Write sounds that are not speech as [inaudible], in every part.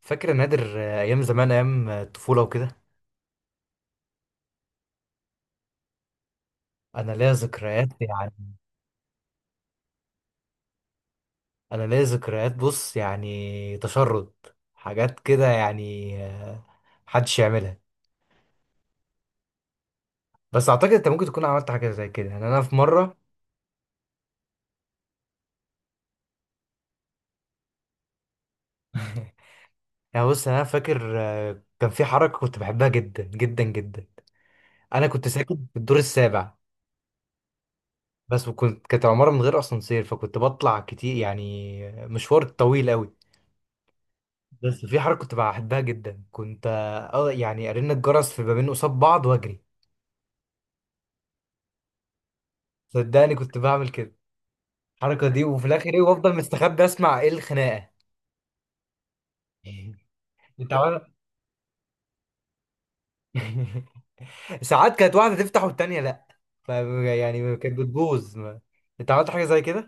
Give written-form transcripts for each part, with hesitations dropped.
فاكر يا نادر آه، ايام زمان ايام الطفوله وكده. انا ليا ذكريات يعني. انا ليا ذكريات، بص، يعني تشرد، حاجات كده يعني، محدش يعملها. بس اعتقد انت ممكن تكون عملت حاجه زي كده، يعني انا في مره. [laughs] يعني بص، انا فاكر آه، كان في حركه كنت بحبها جدا جدا جدا. انا كنت ساكن في الدور السابع بس، وكنت كانت عماره من غير اسانسير، فكنت بطلع كتير، يعني مشوار طويل قوي. بس في حركة كنت بحبها جدا، كنت اه يعني ارن الجرس في بابين قصاد بعض واجري. صدقني كنت بعمل كده، الحركة دي، وفي الاخر ايه، وافضل مستخبي اسمع ايه الخناقة. [laughs] انت عارف. [laughs] ساعات كانت واحدة تفتح والتانية لا، ف يعني كانت بتبوظ انت عملت حاجة زي كده؟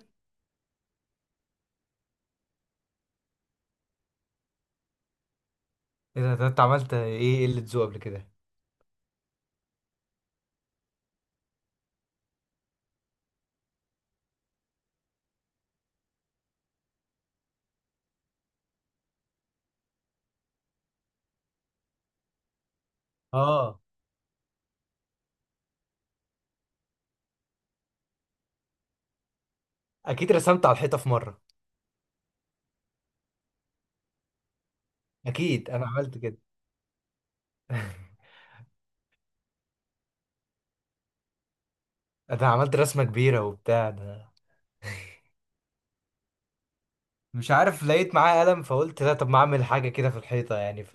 ايه ده، ده انت عملت ايه قلة ذوق قبل كده؟ اه، اكيد رسمت على الحيطة في مرة. اكيد انا عملت كده. [laughs] انا عملت رسمة كبيرة وبتاع ده. مش عارف، لقيت معايا قلم فقلت لا طب ما اعمل حاجة كده في الحيطة يعني. [laughs]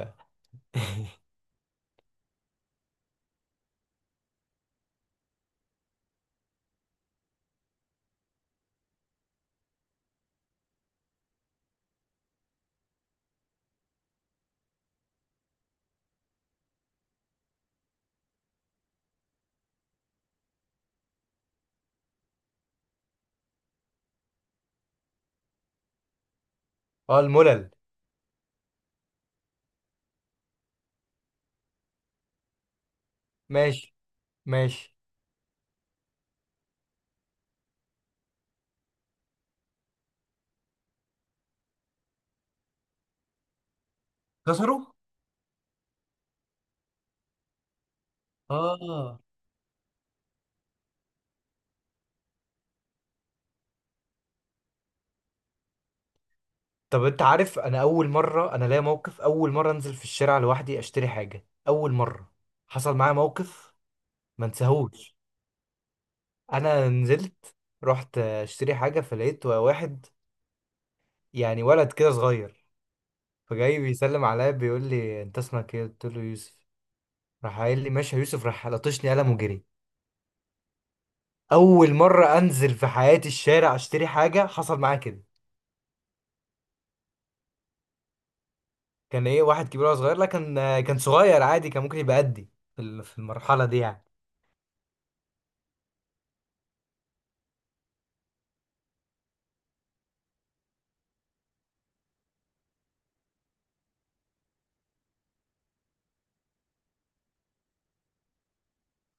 اه الملل. ماشي. ماشي. كسروا. اه، طب انت عارف، انا اول مره انا ليا موقف، اول مره انزل في الشارع لوحدي اشتري حاجه، اول مره حصل معايا موقف، ما انساهوش. انا نزلت، رحت اشتري حاجه، فلقيت واحد، يعني ولد كده صغير، فجاي بيسلم عليا بيقول لي انت اسمك ايه، قلت له يوسف، راح قايل لي ماشي يا يوسف، راح لطشني قلم وجري. اول مره انزل في حياتي الشارع اشتري حاجه حصل معايا كده. كان ايه واحد كبير ولا صغير؟ لا كان آه، كان صغير عادي، كان ممكن يبقى قدي في في المرحله دي يعني.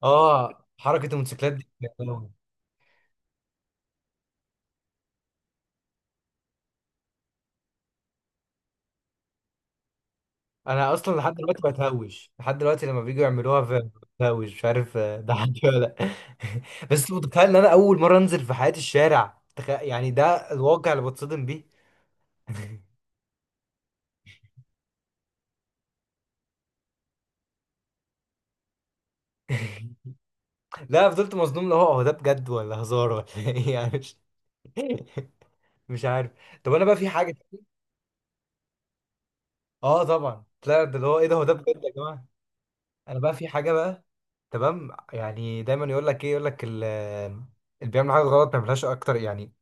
اه حركه الموتوسيكلات دي كانت قوي. انا اصلا لحد دلوقتي بتهوش، لحد دلوقتي لما بييجوا يعملوها بتهوش مش عارف آه، ده عندي ولا لا. [laughs] بس متخيل ان انا اول مره انزل في حياتي الشارع، تخيل يعني، ده الواقع اللي بتصدم بيه. [laughs] لا فضلت مصدوم لو هو هو ده بجد ولا هزار ولا [laughs] ايه يعني، مش [laughs] مش عارف. طب انا بقى في حاجه. اه طبعا، لا ده اللي هو ايه، ده هو ده بجد يا جماعه. انا بقى في حاجه بقى. تمام يعني، دايما يقول لك ايه، يقول لك اللي بيعمل حاجه غلط ما يعملهاش اكتر يعني.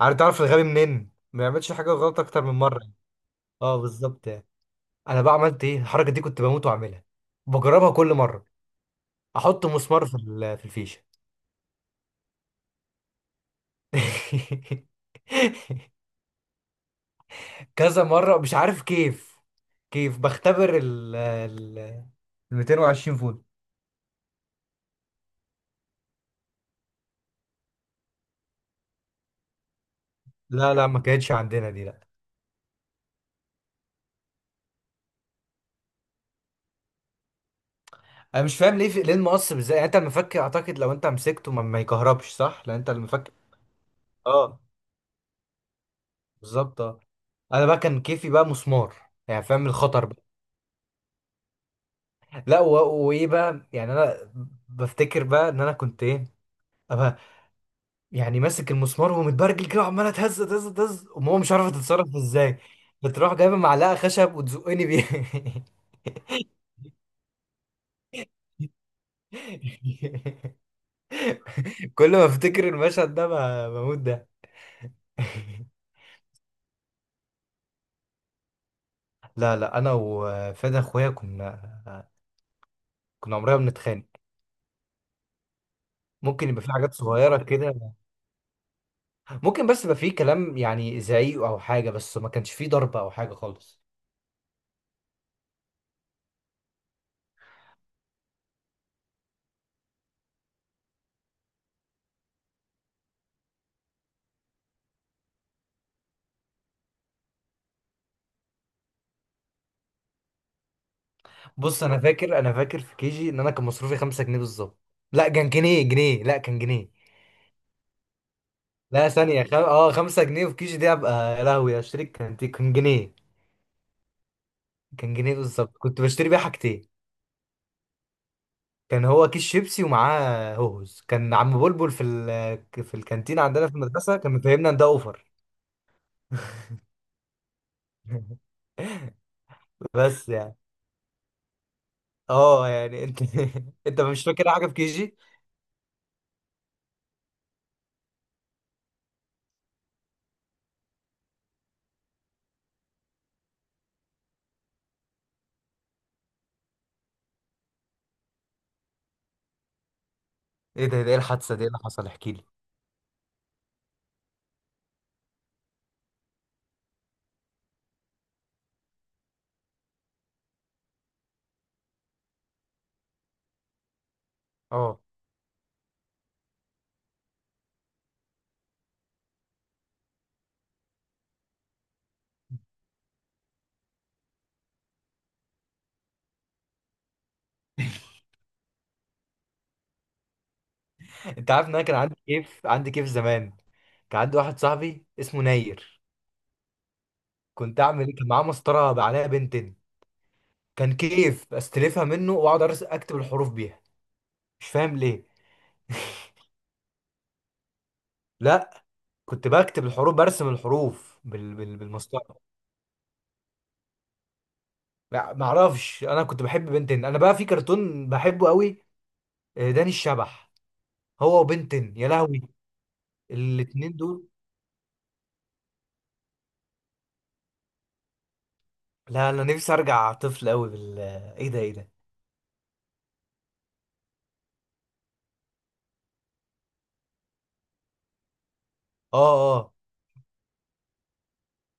عارف، تعرف الغبي منين، ما يعملش حاجه غلط اكتر من مره. اه بالظبط يعني. انا بقى عملت ايه الحركه دي، كنت بموت واعملها، بجربها كل مره. احط مسمار في في الفيشه. [laughs] كذا مره، مش عارف كيف، بختبر ال 220 فولت. لا لا ما كانتش عندنا دي لا. انا مش فاهم ليه في، ليه المقص ازاي يعني، انت المفك اعتقد لو انت مسكته ما، ما يكهربش صح، لان انت المفك. اه بالظبط اه. انا بقى كان كيفي بقى مسمار، يعني فاهم الخطر بقى. لا و، وايه بقى يعني، انا بفتكر بقى ان انا كنت ايه، أبقى يعني ماسك المسمار ومتبرجل كده وعماله تهز تهز تهز، وماما مش عارفه تتصرف ازاي، بتروح جايبه معلقه خشب وتزقني بيها. [laughs] كل ما افتكر المشهد ده بموت ده. [laughs] لا لا انا وفادي اخويا كنا، عمرنا ما بنتخانق. ممكن يبقى في حاجات صغيره كده، ممكن، بس يبقى في كلام، يعني زعيق او حاجه، بس ما كانش في ضرب او حاجه خالص. بص انا فاكر، انا فاكر في كيجي ان انا كان مصروفي 5 جنيه بالظبط. لا كان جنيه، جنيه، لا كان جنيه. لا ثانيه، خم، اه 5 جنيه في كيجي دي ابقى يا لهوي اشتري، كان كان جنيه. كان جنيه بالظبط، كنت بشتري بيها حاجتين، كان هو كيس شيبسي ومعاه هوز، كان عم بلبل في ال، في الكانتين عندنا في المدرسه، كان مفهمنا ان ده اوفر. [laughs] بس يعني، اه يعني انت [laughs] انت مش فاكر حاجه في كي جي. ايه ده، ده ايه الحادثه دي، إيه اللي حصل احكي لي. اه انت عارف ان انا كان عندي كيف، عندي كيف زمان، كان عندي واحد صاحبي اسمه ناير. كنت اعمل ايه، كان معاه مسطره بقى عليها بنتين، كان كيف استلفها منه واقعد اكتب الحروف بيها، مش فاهم ليه. [laughs] لا كنت بكتب الحروف، برسم الحروف بال، بال، بالمسطره. ما ما اعرفش، انا كنت بحب بنتين، انا بقى في كرتون بحبه قوي، آه، داني الشبح، هو وبنتين يا لهوي. الاتنين دول، لا انا نفسي ارجع طفل قوي بال، ايه ده، ايه ده. اه اه.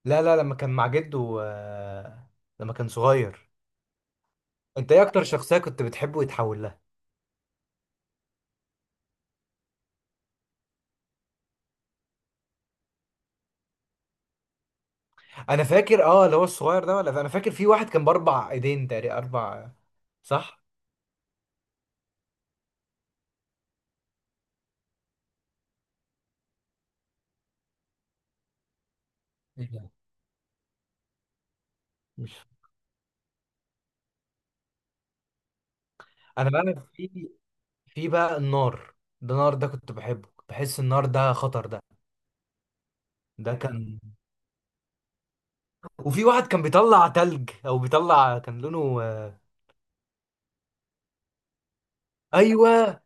لا لا لما كان مع جده آه، لما كان صغير. انت ايه اكتر شخصية كنت بتحبه يتحول لها؟ انا فاكر اه اللي هو الصغير ده، ولا انا فاكر في واحد كان باربع ايدين تقريبا، اربع. صح. ايه ده، مش، انا بقى في، في بقى النار، ده النار ده كنت بحبه، كنت بحس النار ده خطر ده. ده كان. وفي واحد كان بيطلع تلج او بيطلع، كان لونه آه، ايوه.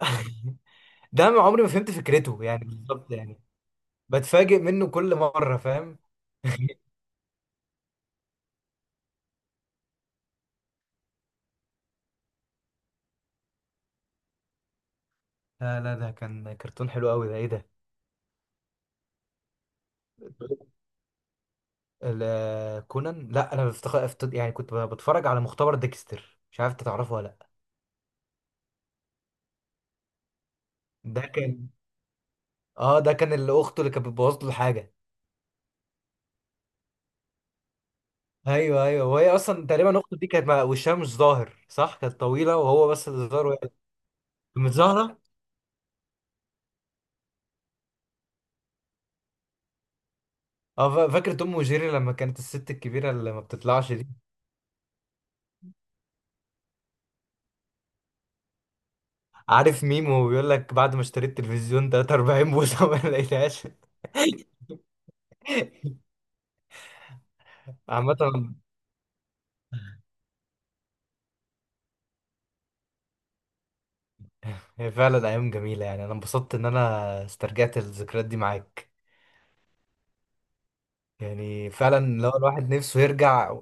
[laughs] ده ما عمري ما فهمت فكرته يعني بالظبط يعني، بتفاجئ منه كل مرة فاهم. [laughs] لا لا ده كان كرتون حلو قوي ده، ايه ده. كونان لا، انا بفتخ، افت، يعني كنت بتفرج على مختبر ديكستر، مش عارف انت تعرفه ولا لا. ده كان، اه ده كان اللي اخته اللي كانت بتبوظ له حاجه. ايوه ايوه، وهي اصلا تقريبا اخته دي كانت مع، وشها مش ظاهر صح، كانت طويله وهو بس اللي ظاهر واقف. مش ظاهره. اه فاكر توم وجيري لما كانت الست الكبيره اللي ما بتطلعش؟ عارف ميم وهو بيقول لك بعد ما اشتريت تلفزيون 43 بوصة ما لقيتهاش. [laughs] عامة، هي فعلا أيام جميلة يعني، أنا انبسطت إن أنا استرجعت الذكريات دي معاك. يعني فعلا لو الواحد نفسه يرجع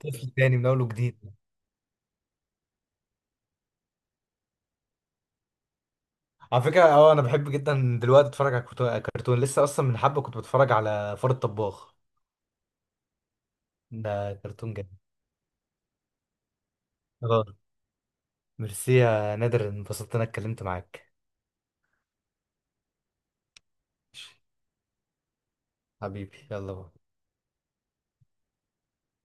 طفل تاني من أول وجديد. على فكرة أه أنا بحب جدا دلوقتي أتفرج على كرتون. كرتون لسه أصلا من حبة كنت بتفرج على فار الطباخ، ده كرتون جامد. أه ميرسي يا نادر، انبسطت إن أنا اتكلمت معاك. حبيبي يلا بقى.